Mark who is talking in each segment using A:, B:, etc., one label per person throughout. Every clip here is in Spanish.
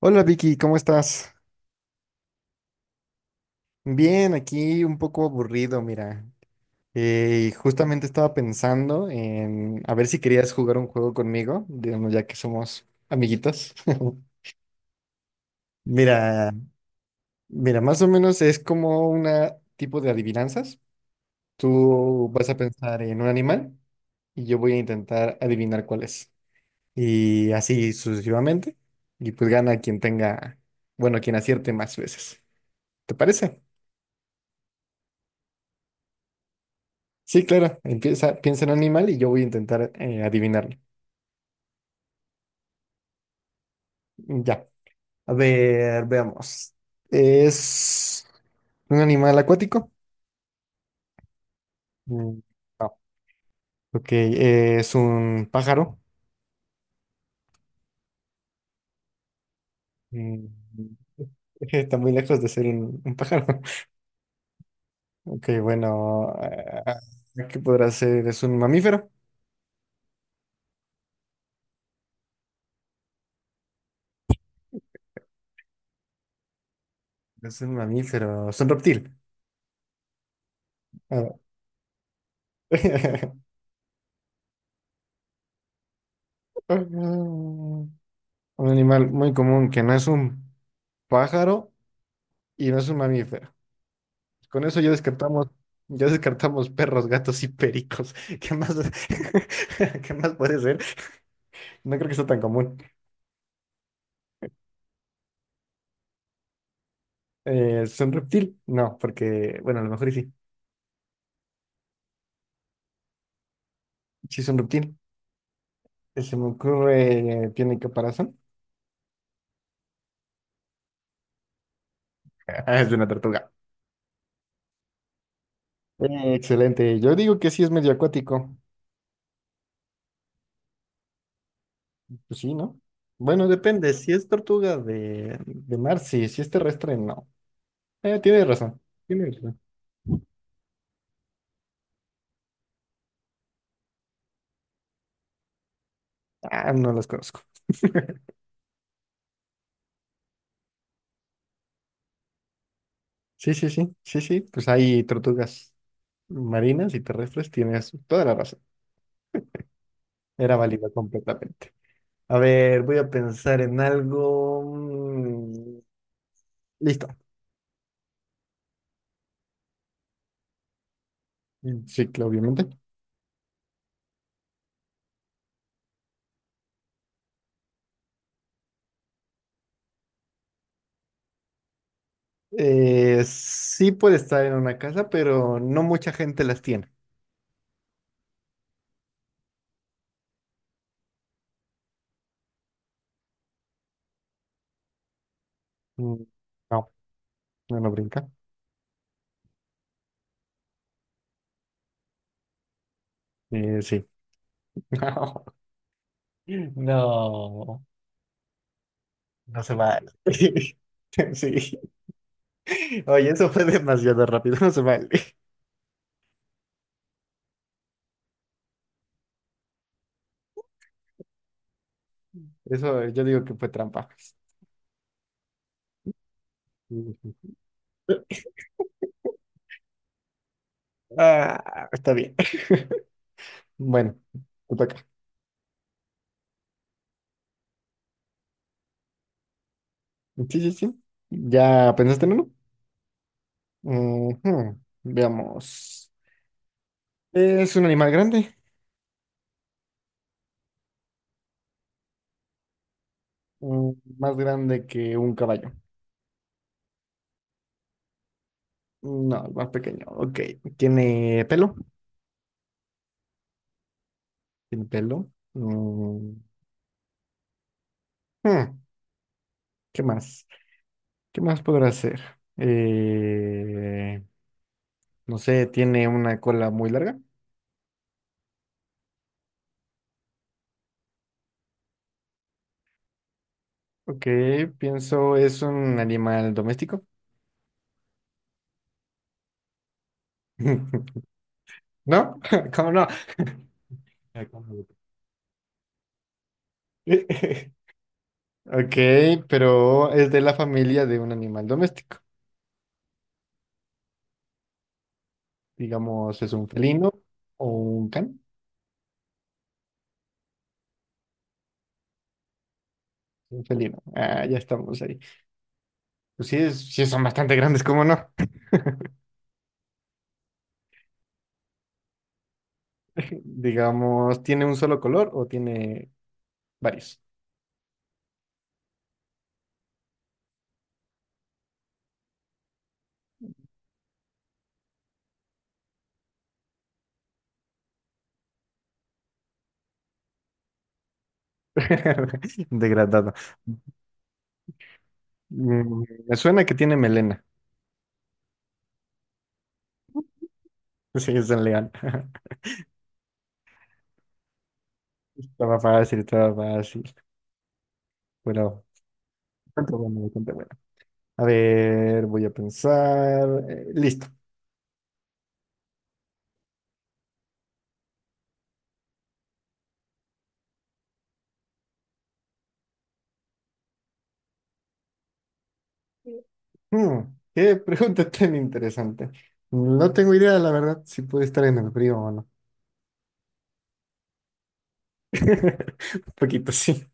A: Hola Vicky, ¿cómo estás? Bien, aquí un poco aburrido, mira. Justamente estaba pensando en a ver si querías jugar un juego conmigo, digamos, ya que somos amiguitos. Mira, mira, más o menos es como un tipo de adivinanzas. Tú vas a pensar en un animal y yo voy a intentar adivinar cuál es. Y así sucesivamente. Y pues gana quien tenga, bueno, quien acierte más veces. ¿Te parece? Sí, claro, empieza, piensa en un animal y yo voy a intentar adivinarlo. Ya, a ver, veamos. ¿Es un animal acuático? Mm. Ok, ¿es un pájaro? Mm. Está muy lejos de ser un pájaro. Ok, bueno, ¿qué podrá ser? ¿Es un mamífero? ¿Es un mamífero, es un reptil? A ver. Un animal muy común que no es un pájaro y no es un mamífero. Con eso ya descartamos perros, gatos y pericos. ¿Qué más, qué más puede ser? No creo que sea tan común. ¿Es un reptil? No, porque, bueno, a lo mejor y sí. Sí es un reptil. Se me ocurre, ¿tiene caparazón? Es de una tortuga. Excelente. Yo digo que sí es medio acuático. Pues sí, ¿no? Bueno, depende. Si es tortuga de mar, sí. Si es terrestre, no. Tiene razón. Tiene razón. Ah, no las conozco. Sí, sí, sí, sí, sí, pues hay tortugas marinas y terrestres, tienes toda la razón. Era válida completamente. A ver, voy a pensar en algo. Listo. Sí, claro, obviamente. Sí puede estar en una casa, pero no mucha gente las tiene. Mm, No, no, no brinca. Sí. No, no, no se vale. Sí. Oye, eso fue demasiado rápido, no se vale. Eso yo digo que fue trampa. Ah, está bien. Bueno, te toca. Sí, sí, sí. ¿Ya pensaste en uno? Ujú. Veamos. ¿Es un animal grande? Mm, más grande que un caballo. No, es más pequeño. Ok. ¿Tiene pelo? ¿Tiene pelo? Mm, hmm, ¿qué más? ¿Qué más podrá hacer? Eh, no sé, ¿tiene una cola muy larga? Ok, pienso, ¿es un animal doméstico? ¿No? ¿Cómo no? Ok, pero es de la familia de un animal doméstico. Digamos, ¿es un felino o un can? Un felino. Ah, ya estamos ahí. Pues sí, es- sí son bastante grandes, ¿cómo no? Digamos, ¿tiene un solo color o tiene varios? Degradado. Mm, me suena que tiene melena. Sí, es un león. Estaba fácil, estaba fácil. Bueno, bastante bueno, bastante bueno. A ver, voy a pensar. Listo. Mm, qué pregunta tan interesante. No tengo idea, la verdad, si puede estar en el frío o no. Un poquito sí.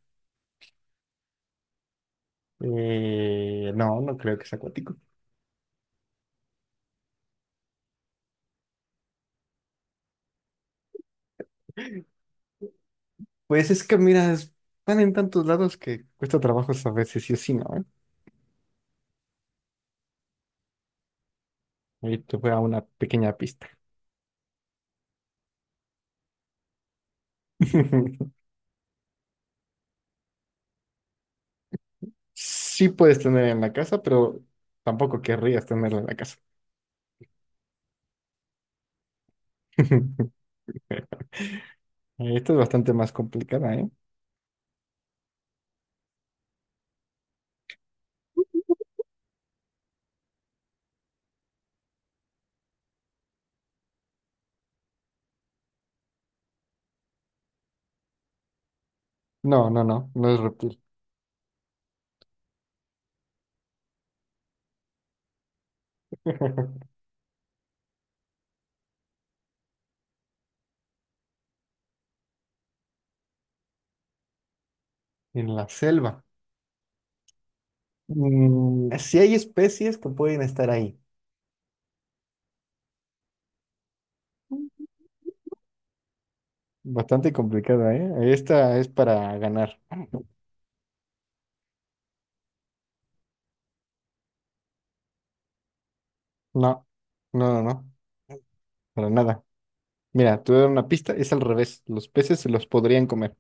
A: No, no creo que sea acuático. Pues es que, mira, están en tantos lados que cuesta trabajo saber si sí o si no, ¿eh? Ahí te voy a una pequeña pista. Sí puedes tener en la casa, pero tampoco querrías tenerla en la casa. Esta es bastante más complicada, ¿eh? No, no, no, no es reptil. En la selva. Mm, sí hay especies que pueden estar ahí. Bastante complicada, ¿eh? Esta es para ganar. No, no, no, no, para nada. Mira, te voy a dar una pista, es al revés. Los peces se los podrían comer.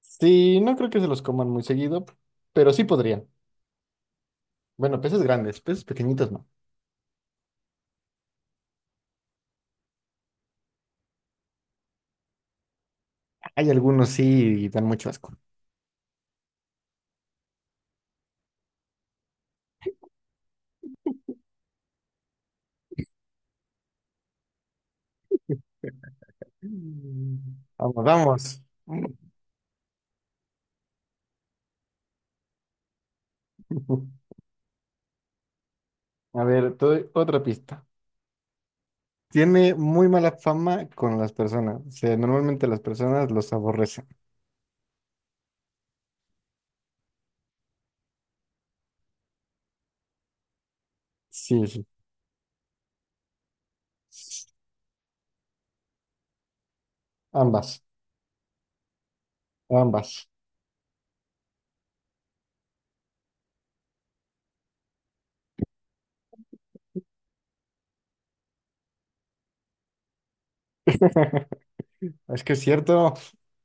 A: Sí, no creo que se los coman muy seguido, pero sí podrían. Bueno, peces grandes, peces pequeñitos no. Hay algunos sí y dan mucho asco. Mm. Vamos, vamos. A ver, te doy otra pista. Tiene muy mala fama con las personas. O sea, normalmente las personas los aborrecen. Sí, sí. Ambas, ambas. Es que es cierto.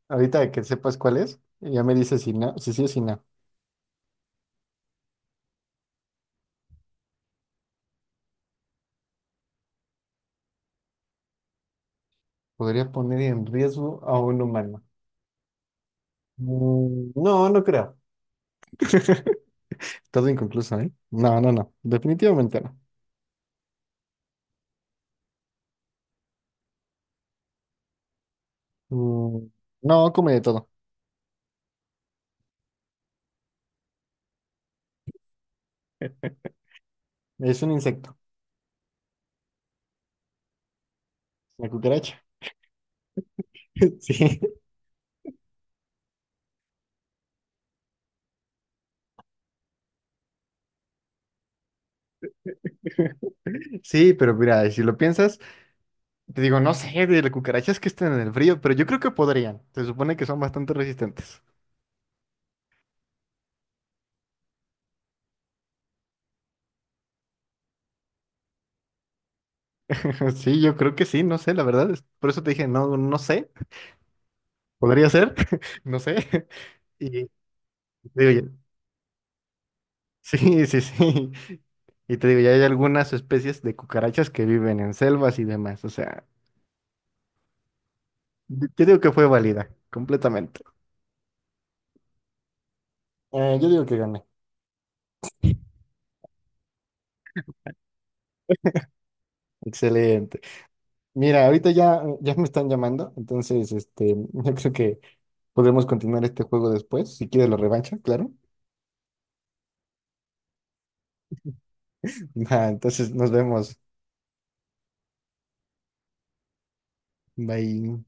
A: Ahorita que sepas cuál es, ya me dices si no, si sí o si no. Podría poner en riesgo a un humano. Mm, no, no creo. Todo inconcluso, ¿eh? No, no, no. Definitivamente no. Mm, no, come de todo. Es un insecto. La cucaracha. Sí. Sí, pero mira, si lo piensas. Te digo, no sé de las cucarachas que estén en el frío, pero yo creo que podrían. Se supone que son bastante resistentes. Sí, yo creo que sí, no sé, la verdad. Es- Por eso te dije, no, no sé. Podría ser, no sé. Y te digo, ya- sí, sí, sí. Y te digo, ya hay algunas especies de cucarachas que viven en selvas y demás. O sea, yo digo que fue válida, completamente. Yo digo que gané. Excelente. Mira, ahorita ya, ya me están llamando, entonces yo creo que podremos continuar este juego después, si quieres la revancha, claro. Va, entonces nos vemos. Bye.